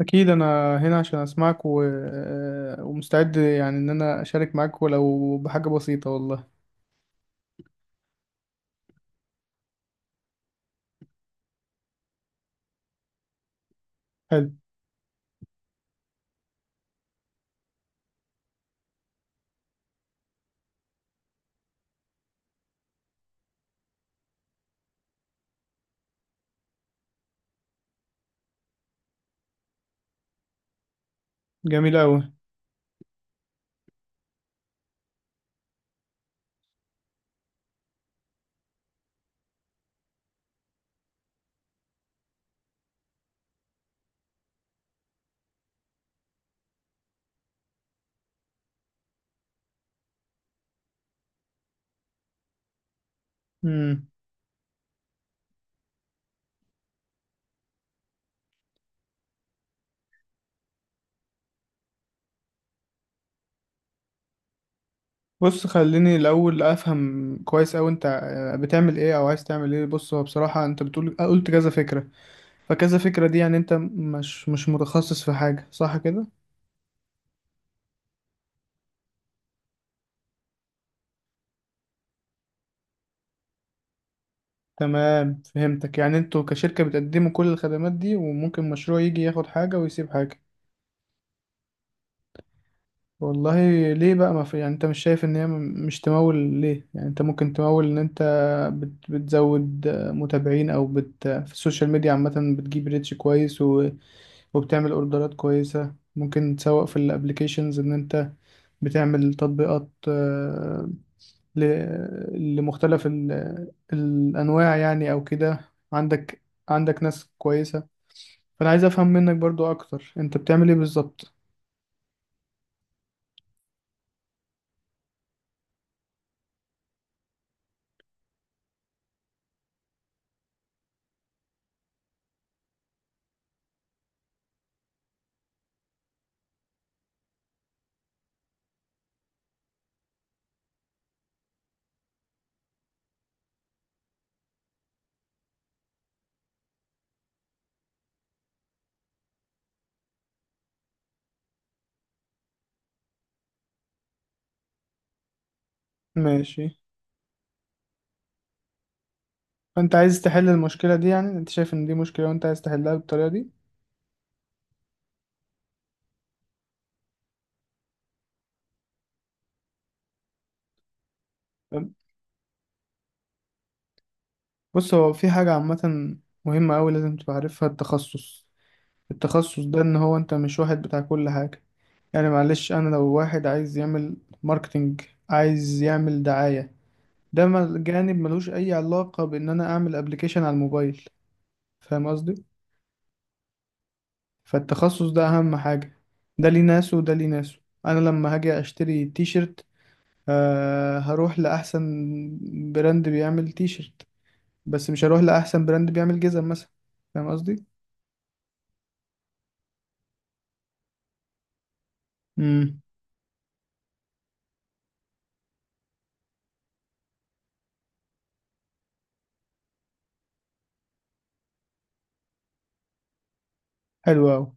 أكيد أنا هنا عشان أسمعك و... آه، ومستعد يعني إن أنا أشارك معاك ولو بحاجة بسيطة والله. حلو. جميل أوي. مم. بص خليني الأول أفهم كويس أوي أنت بتعمل إيه أو عايز تعمل إيه. بص هو بصراحة أنت بتقول قلت كذا فكرة، فكذا فكرة دي يعني أنت مش متخصص في حاجة، صح كده؟ تمام، فهمتك، يعني أنتوا كشركة بتقدموا كل الخدمات دي وممكن مشروع يجي ياخد حاجة ويسيب حاجة. والله، ليه بقى ما في يعني انت مش شايف ان هي مش تمول؟ ليه يعني انت ممكن تمول ان انت بتزود آه، متابعين، او في السوشيال ميديا عامة بتجيب ريتش كويس وبتعمل اوردرات كويسة. ممكن تسوق في الابليكيشنز ان انت بتعمل تطبيقات ل... لمختلف الانواع يعني او كده. عندك، عندك ناس كويسة. فانا عايز افهم منك برضو اكتر، انت بتعمل ايه بالظبط؟ ماشي. فانت عايز تحل المشكله دي؟ يعني انت شايف ان دي مشكله وانت عايز تحلها بالطريقه دي. تمام. بص هو في حاجه عامه مهمه قوي لازم تبقى عارفها: التخصص. التخصص ده ان هو انت مش واحد بتاع كل حاجه. يعني معلش انا لو واحد عايز يعمل ماركتينج، عايز يعمل دعايه، ده جانب ملوش اي علاقه بان انا اعمل ابلكيشن على الموبايل. فاهم قصدي؟ فالتخصص ده اهم حاجه. ده ليه ناس وده ليه ناس. انا لما هاجي اشتري تيشرت، آه هروح لأحسن براند بيعمل تيشرت، بس مش هروح لأحسن براند بيعمل جزم مثلا. فاهم قصدي؟ امم. حلو أوي.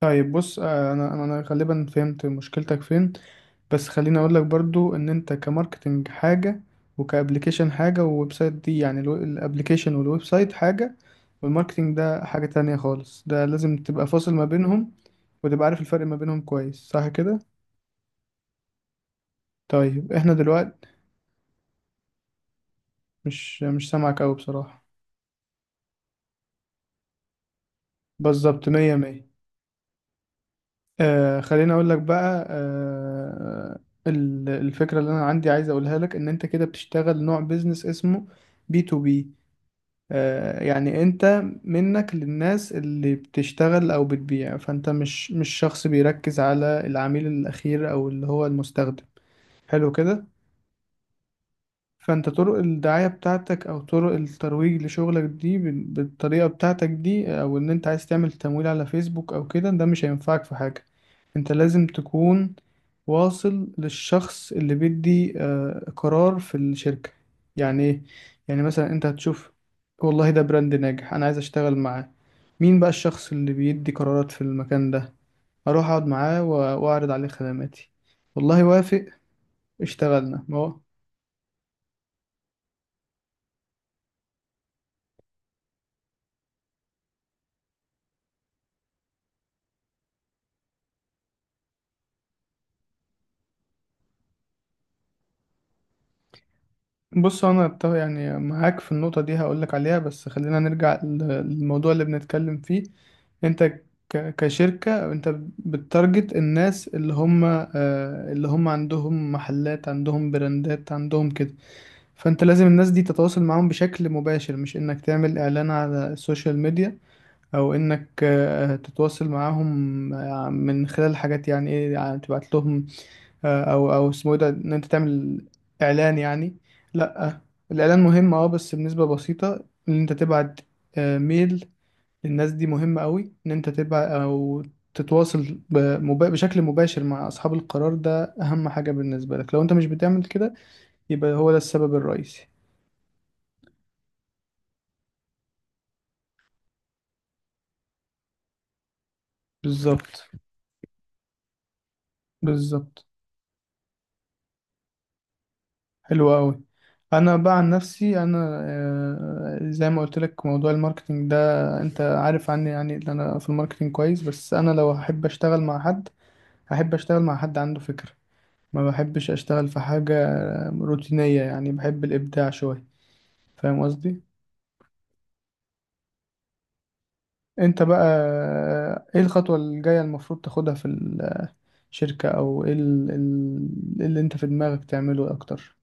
طيب بص، آه أنا غالبا فهمت مشكلتك فين، بس خليني أقول لك برضو إن أنت كماركتينج حاجة، وكأبليكيشن حاجة، وويب سايت دي يعني، الأبليكيشن والويب سايت حاجة والماركتينج ده حاجة تانية خالص. ده لازم تبقى فاصل ما بينهم وتبقى عارف الفرق ما بينهم كويس، صح كده؟ طيب احنا دلوقتي، مش سامعك أوي بصراحة. بالظبط، مية مية. آه، خليني أقول لك بقى آه، الفكرة اللي أنا عندي عايز أقولها لك إن أنت كده بتشتغل نوع بيزنس اسمه بي تو بي. آه يعني أنت منك للناس اللي بتشتغل أو بتبيع، فأنت مش شخص بيركز على العميل الأخير أو اللي هو المستخدم. حلو كده. فانت طرق الدعاية بتاعتك او طرق الترويج لشغلك دي بالطريقة بتاعتك دي، او ان انت عايز تعمل تمويل على فيسبوك او كده، ده مش هينفعك في حاجة. انت لازم تكون واصل للشخص اللي بيدي قرار في الشركة. يعني ايه؟ يعني مثلا انت هتشوف، والله ده براند ناجح انا عايز اشتغل معاه، مين بقى الشخص اللي بيدي قرارات في المكان ده، اروح اقعد معاه واعرض عليه خدماتي، والله وافق، اشتغلنا. ما هو. بص انا يعني معاك في النقطه دي، هقولك عليها بس خلينا نرجع للموضوع اللي بنتكلم فيه. انت كشركه انت بتارجت الناس اللي هم اللي هم عندهم محلات، عندهم براندات، عندهم كده. فانت لازم الناس دي تتواصل معاهم بشكل مباشر، مش انك تعمل اعلان على السوشيال ميديا، او انك تتواصل معاهم من خلال حاجات يعني، ايه يعني، تبعت لهم آه، او او اسمه إيه ده، ان انت تعمل اعلان يعني. لا، الاعلان مهم اه، بس بنسبه بسيطه. ان انت تبعت ميل للناس دي مهمه قوي. ان انت تبعت او تتواصل بشكل مباشر مع اصحاب القرار، ده اهم حاجه بالنسبه لك. لو انت مش بتعمل كده، يبقى هو ده السبب الرئيسي. بالظبط، بالظبط. حلو قوي. انا بقى عن نفسي انا، زي ما قلت لك موضوع الماركتينج ده انت عارف عني، يعني ان انا في الماركتينج كويس، بس انا لو هحب اشتغل مع حد، هحب اشتغل مع حد عنده فكرة. ما بحبش اشتغل في حاجة روتينية يعني، بحب الابداع شوية. فاهم قصدي. انت بقى آه، ايه الخطوة الجاية المفروض تاخدها في الشركة، او ايه اللي انت في دماغك تعمله اكتر؟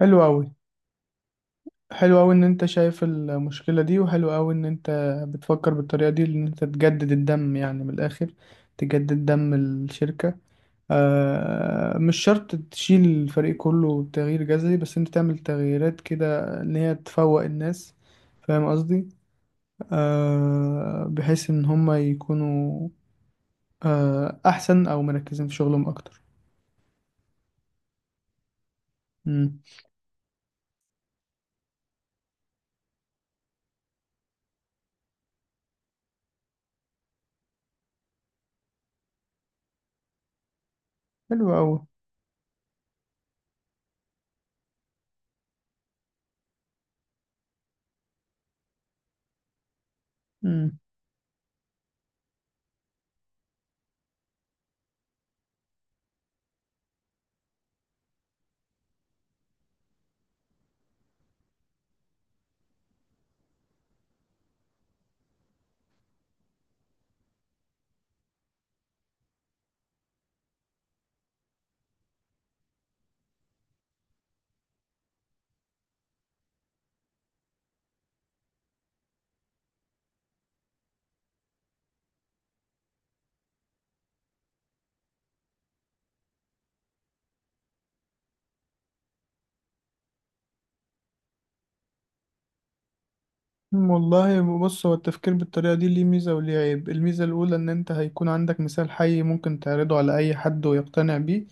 حلو قوي. حلو أوي إن أنت شايف المشكلة دي، وحلو أوي إن أنت بتفكر بالطريقة دي، إن أنت تجدد الدم يعني من الآخر، تجدد دم الشركة. آه مش شرط تشيل الفريق كله، تغيير جذري، بس أنت تعمل تغييرات كده إن هي تفوق الناس. فاهم قصدي. آه بحيث إن هما يكونوا آه أحسن، أو مركزين في شغلهم أكتر. مم. حلو أوي. والله بص، هو التفكير بالطريقة دي ليه ميزة وليه عيب. الميزة الأولى إن أنت هيكون عندك مثال حي ممكن تعرضه على أي حد ويقتنع بيه.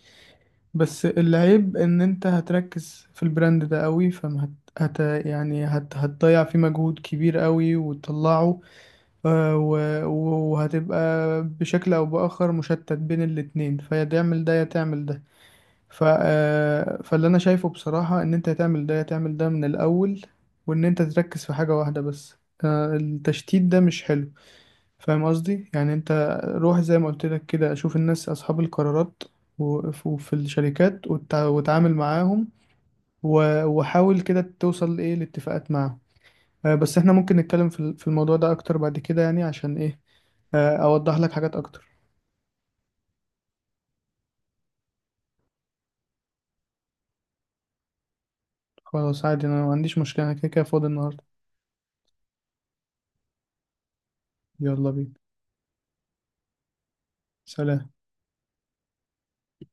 بس العيب إن أنت هتركز في البراند ده قوي، فما هت... هت... يعني هتضيع فيه مجهود كبير قوي وتطلعه، آه، و... وهتبقى بشكل أو بآخر مشتت بين الاتنين، فيا تعمل ده يا تعمل ده. ف... آه، فاللي انا شايفه بصراحة ان انت تعمل ده تعمل ده من الاول، وان انت تركز في حاجة واحدة بس. آه، التشتيت ده مش حلو. فاهم قصدي، يعني انت روح زي ما قلت لك كده، اشوف الناس اصحاب القرارات وفي الشركات، وتعامل معاهم، وحاول كده توصل ايه لاتفاقات معاهم. آه، بس احنا ممكن نتكلم في في الموضوع ده اكتر بعد كده يعني، عشان ايه آه، اوضح لك حاجات اكتر. خلاص، عادي، انا ما عنديش مشكلة، انا كده كده فاضي النهاردة. يلا بينا. سلام.